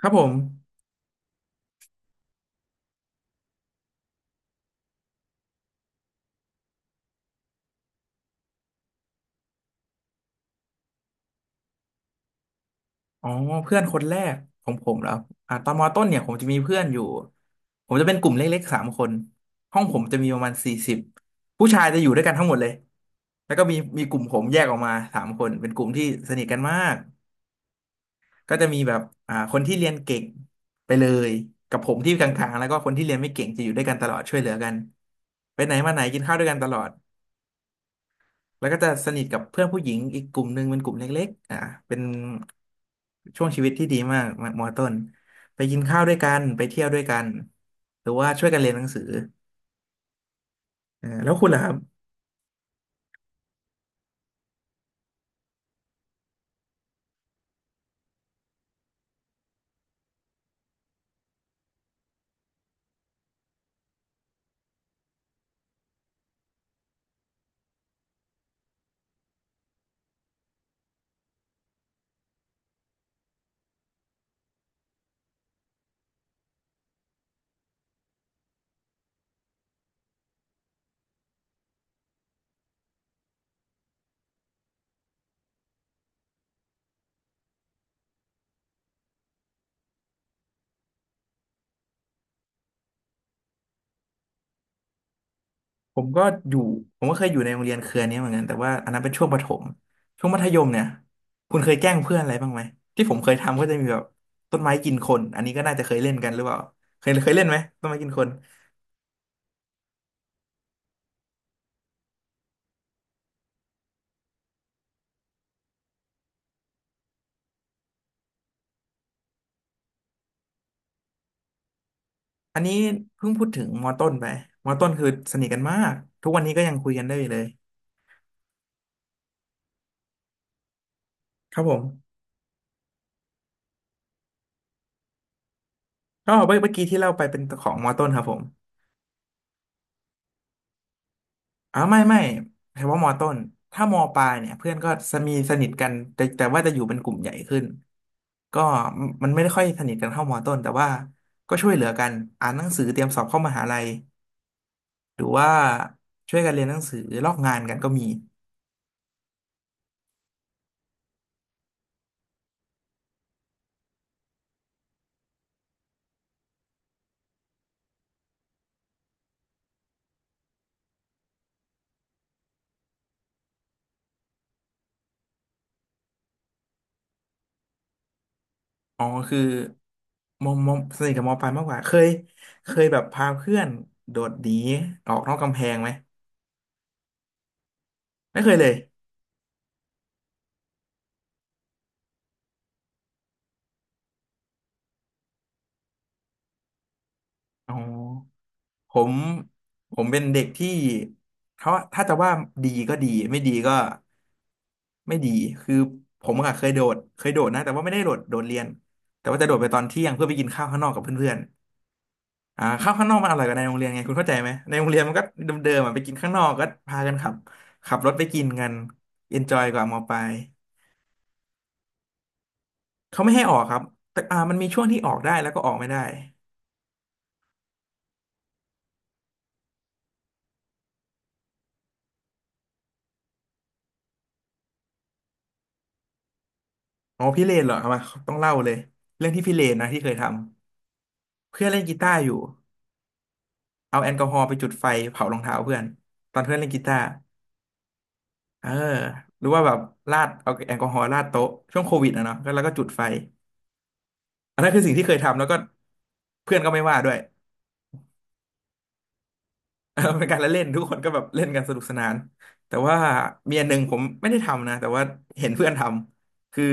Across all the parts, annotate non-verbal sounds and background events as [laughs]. ครับผมอ๋อเพื่อนคนแรกของผมแล้วตอนมต้นเนี่ยผมจะมีเพื่อนอยู่ผมจะเป็นกลุ่มเล็กๆสามคนห้องผมจะมีประมาณ40ผู้ชายจะอยู่ด้วยกันทั้งหมดเลยแล้วก็มีกลุ่มผมแยกออกมาสามคนเป็นกลุ่มที่สนิทกันมากก็จะมีแบบคนที่เรียนเก่งไปเลยกับผมที่กลางๆแล้วก็คนที่เรียนไม่เก่งจะอยู่ด้วยกันตลอดช่วยเหลือกันไปไหนมาไหนกินข้าวด้วยกันตลอด แล้วก็จะสนิทกับเพื่อนผู้หญิงอีกกลุ่มหนึ่งเป็นกลุ่มเล็กๆเป็นช่วงชีวิตที่ดีมากมอต้นไปกินข้าวด้วยกันไปเที่ยวด้วยกันหรือว่าช่วยกันเรียนหนังสือแล้วคุณล่ะครับผมก็อยู่ผมก็เคยอยู่ในโรงเรียนเครือนี้เหมือนกันแต่ว่าอันนั้นเป็นช่วงประถมช่วงมัธยมเนี่ยคุณเคยแกล้งเพื่อนอะไรบ้างไหมที่ผมเคยทำก็จะมีแบบต้นไม้กินคนอันนี้ก็น่าจะเคยเล่นกันหรือเปล่าเคยเล่นไหมต้นไม้กินคนอันนี้เพิ่งพูดถึงมอต้นไปมอต้นคือสนิทกันมากทุกวันนี้ก็ยังคุยกันได้อยู่เลย ครับผมก็เมื่อกี้ที่เล่าไปเป็นของมอต้นครับผมอ๋อไม่ไม่เฉพาะมอต้นถ้ามอปลายเนี่ยเพื่อนก็จะมีสนิทกันแต่ว่าจะอยู่เป็นกลุ่มใหญ่ขึ้นก็มันไม่ได้ค่อยสนิทกันเท่ามอต้นแต่ว่าก็ช่วยเหลือกันอ่านหนังสือเตรียมสอบเข้ามหาลัยหรือว่าช่วยกันเรียนหนังสือลอกงานกันก็มีอ๋อคือมอสนิทกับมอปลายมากกว่าเคยแบบพาเพื่อนโดดหนีออกนอกกำแพงไหมไม่เคยเลยอ๋อ ผมผมเป็นเด็กที่เขาถ้าจะว่าดีก็ดีไม่ดีก็ไม่ดีคือผมอะเคยโดดนะแต่ว่าไม่ได้โดดเรียนแต่ว่าจะโดดไปตอนเที่ยงเพื่อไปกินข้าวข้างนอกกับเพื่อนๆข้าวข้างนอกมันอร่อยกว่าในโรงเรียนไงคุณเข้าใจไหมในโรงเรียนมันก็เดิมๆอะไปกินข้างนอกก็พากันขับขับรถไปกินกันเอนจอยกว่ามอปลายเขาไม่ให้ออกครับแต่มันมีช่วงที่ออกได้แล้วก็ออกไม่ได้อ๋อพี่เลนเหรอเอามาต้องเล่าเลยเรื่องที่พี่เลนนะที่เคยทำเพื่อนเล่นกีตาร์อยู่ เอาแอลกอฮอล์ไปจุดไฟเผารองเท้าเพื่อนตอนเพื่อนเล่นกีตาร์เออหรือว่าแบบราดเอาแอลกอฮอล์ราดโต๊ะช่วงโควิดอะเนาะก็แล้วก็จุดไฟอันนั้นคือสิ่งที่เคยทำแล้วก็เพื่อนก็ไม่ว่าด้วย [laughs] เออเป็นการละเล่นทุกคนก็แบบเล่นกันสนุกสนานแต่ว่ามีอันหนึ่งผมไม่ได้ทำนะแต่ว่าเห็นเพื่อนทำคือ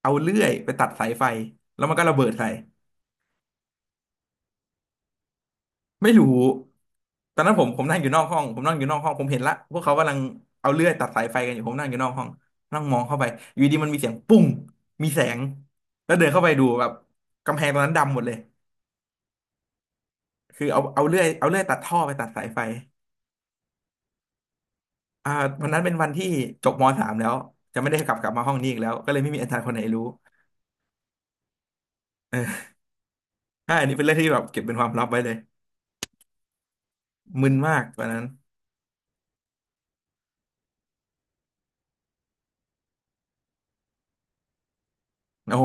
เอาเลื่อยไปตัดสายไฟแล้วมันก็ระเบิดใส่ ไม่รู้ตอนนั้นผมนั่งอยู่นอกห้องผมนั่งอยู่นอกห้องผมเห็นละพวกเขากำลังเอาเลื่อยตัดสายไฟกันอยู่ผมนั่งอยู่นอกห้องนั่งมองเข้าไปอยู่ดีมันมีเสียงปุ้งมีแสงแล้วเดินเข้าไปดูแบบกำแพงตรงนั้นดำหมดเลยคือเอาเอาเลื่อยเอาเลื่อยตัดท่อไปตัดสายไฟอ่าวันนั้นเป็นวันที่จบมสามแล้วจะไม่ได้กลับมาห้องนี้อีกแล้วก็เลยไม่มีอาจารย์คนไหนรู้เออใช่อันนี้เป็นเรื่องที่แบบเก็บเป็นความลับไว้เลยมึนมากตอนนั้นโอ้โห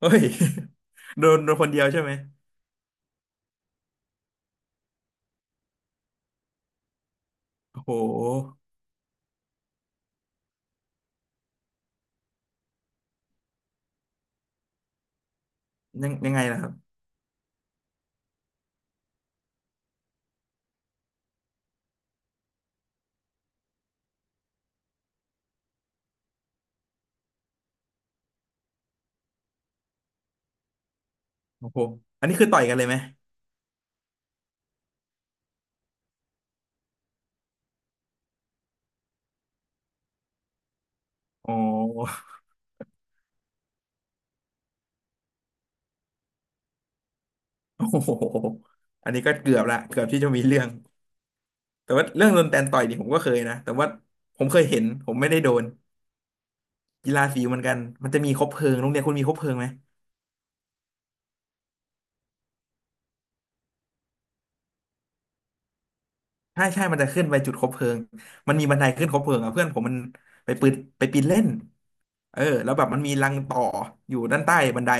เฮ้ย [laughs] โดนคนเดียวใช่ไหมโอ้โหยังไงล่ะ โอ้โหอันนี้คือต่อยกันเลยไหมอ๋อโอ้โหอันนี้ก็เกือบละเกือบที่จะมีเรื่อง แต่ว่าเรื่องโดนแตนต่อยนี่ผมก็เคยนะ แต่ว่าผมเคยเห็นผมไม่ได้โดนกีฬาสีเหมือนกัน มันจะมีคบเพลิงโรงเรียนคุณมีคบเพลิงไหม ใช่ใช่มันจะขึ้นไปจุดคบเพลิงมันมีบันไดขึ้นคบเพลิงอ่ะเพื่อนผมมันไปปืนไปปีนเล่นเออแล้วแบบมันมีรังต่ออยู่ด้านใต้บันได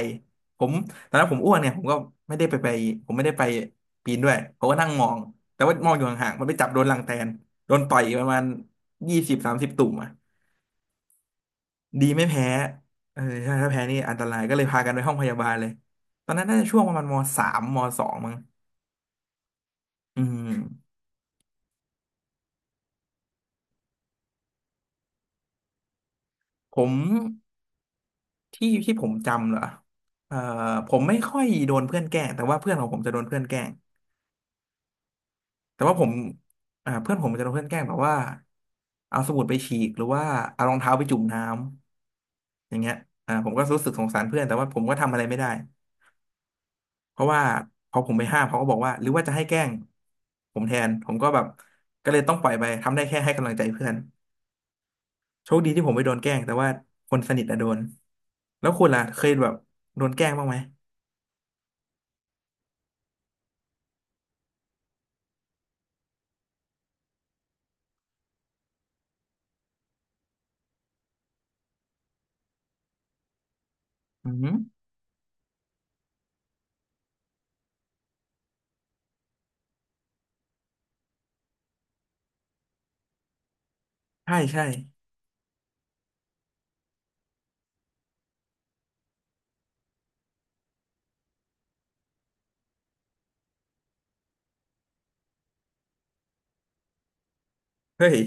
ผมตอนนั้นผมอ้วนเนี่ยผมก็ไม่ได้ไปผมไม่ได้ไปปีนด้วยผมก็นั่งมองแต่ว่ามองอยู่ห่างๆมันไปจับโดนรังแตนโดนต่อยประมาณ20-30ตุ่มอ่ะดีไม่แพ้เออใช่ถ้าแพ้นี่อันตรายก็เลยพากันไปห้องพยาบาลเลยตอนนั้นน่าจะช่วงประมาณมสามมสองมั้งอืมผม ที่ที่ผมจำเหรอเอ่อผมไม่ค่อยโดนเพื่อนแกล้งแต่ว่าเพื่อนของผมจะโดนเพื่อนแกล้งแต่ว่าผมเพื่อนผมจะโดนเพื่อนแกล้งแบบว่าเอาสมุดไปฉีกหรือว่าเอารองเท้าไปจุ่มน้ำอย่างเงี้ยผมก็รู้สึกสงสารเพื่อนแต่ว่าผมก็ทำอะไรไม่ได้เพราะว่าพอผมไปห้ามเขาก็บอกว่าหรือว่าจะให้แกล้งผมแทนผมก็แบบก็เลยต้องปล่อยไปทำได้แค่ให้กำลังใจเพื่อนโชคดีที่ผมไม่โดนแกล้งแต่ว่าคนสนิทอะโดนแล้วคุณล่ะเคยแบบโดนแกล้งบ้างไหมอืมใช่ใช่เฮ้ย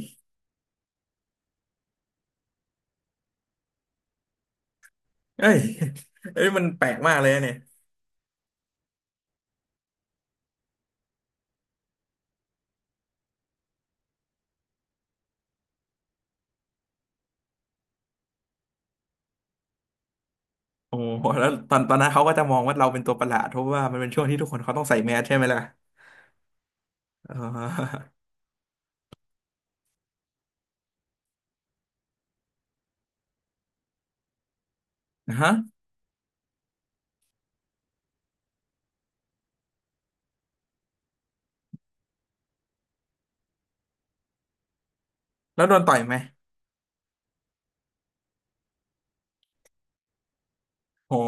เอ้ยเอ้ยมันแปลกมากเลยนะเนี่ยโอ้โหแล้วตอนตอนนั้นเขาก็จะมองว่าเราเป็นตัวประหลาดเพราะว่ามันเป็นช่วงที่ทุกคนเขาต้องใส่แมสใช่ไหมล่ะเออฮะ [laughs] แล้วโดนต่อยไหมโอ้โห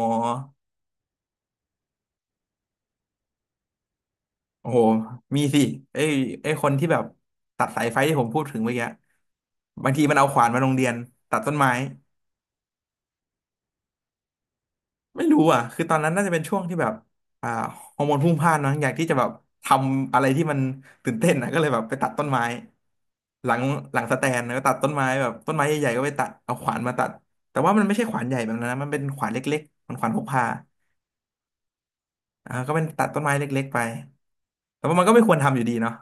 โอ้โหมีสิไอ้ไอ้คนที่แบบตัดสายไฟที่ผมพูดถึงเมื่อกี้บางทีมันเอาขวานมาโรงเรียนตัดต้นไม้ ไม่รู้อ่ะคือตอนนั้นน่าจะเป็นช่วงที่แบบอ่าฮอร์โมนพรุ่งพล่านมั้งอยากที่จะแบบทำอะไรที่มันตื่นเต้นนะก็เลยแบบไปตัดต้นไม้ หลังหลังสแตนก็ตัดต้นไม้แบบต้นไม้ใหญ่ๆก็ไปตัดเอาขวานมาตัด แต่ว่ามันไม่ใช่ขวานใหญ่แบบนั้นนะมันเป็นขวานเล็กๆมันขวานพกพาก็เป็นตัดต้นไม้เล็กๆไปแต่ว่ามันก็ไม่ควรทำอยู่ดีเนาะ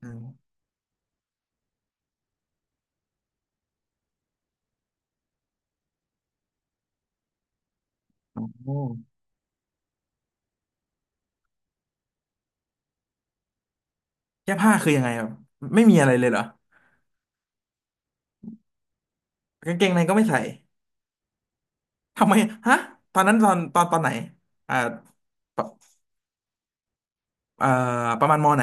อืมโอ้โหแก้ผ้าคือยังไงแบบไม่มีอะไรเลยเหรอกางเกงในก็ไม่ใส่ทำไมฮะตอนนั้นตอนไหนอ่าปะอ่าประมาณมอไหน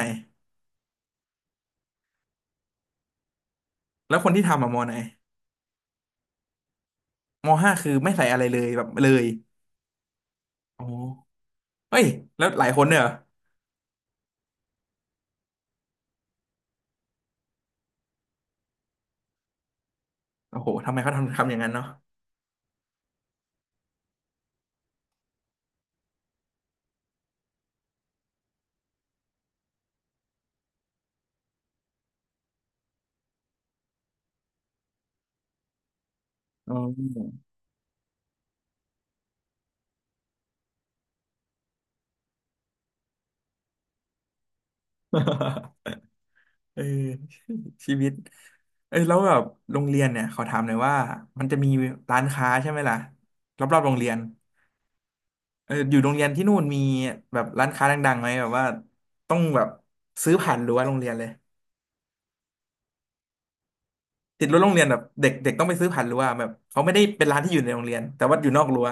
แล้วคนที่ทำอะมอไหนมอห้าคือไม่ใส่อะไรเลยแบบเลยโอ้เฮ้ยแล้วหลายคนเนี่ยเหรอโอ้โหทำไมเขาทำทำอย่างนั้นเนาะอ๋อ [laughs] เออชีวิตเอ้ยแล้วแบบโรงเรียนเนี่ยขอถามหน่อยว่ามันจะมีร้านค้าใช่ไหมล่ะรอบๆโรงเรียนเอออยู่โรงเรียนที่นู่นมีแบบร้านค้าดังๆไหมแบบว่าต้องแบบซื้อผ่านรั้วโรงเรียนเลยติดรั้วโรงเรียนแบบเด็กเด็กต้องไปซื้อผ่านรั้วแบบเขาไม่ได้เป็นร้านที่อยู่ในโรงเรียนแต่ว่าอยู่นอกรั้ว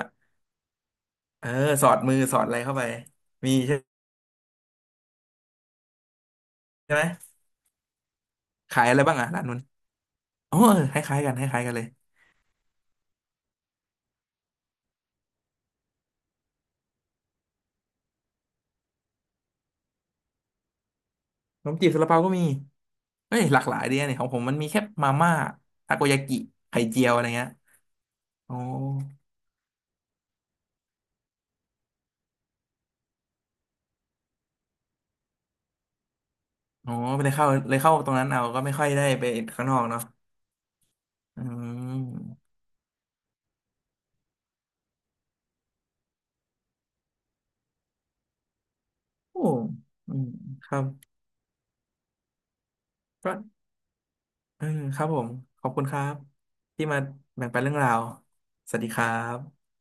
เออสอดมือสอดอะไรเข้าไปมีใช่ไหมขายอะไรบ้างอ่ะร้านนู้นโอ้คล้ายๆกันคล้ายๆกันเลยขนมจีบซาลาเปาก็มีเอ้ยหลากหลายดีนะเนี่ยของผมมันมีแค่มาม่าทาโกยากิไข่เจียวอะไรเงี้ยออไเลยเข้าเลยเข้าตรงนั้นเอาก็ไม่ค่อยได้ไปข้างนอกเนาะอืมโอ้อืมครับก็เออครับผมขอบคุณครับที่มาแบ่งปันเรื่องราวสวัสดีครับ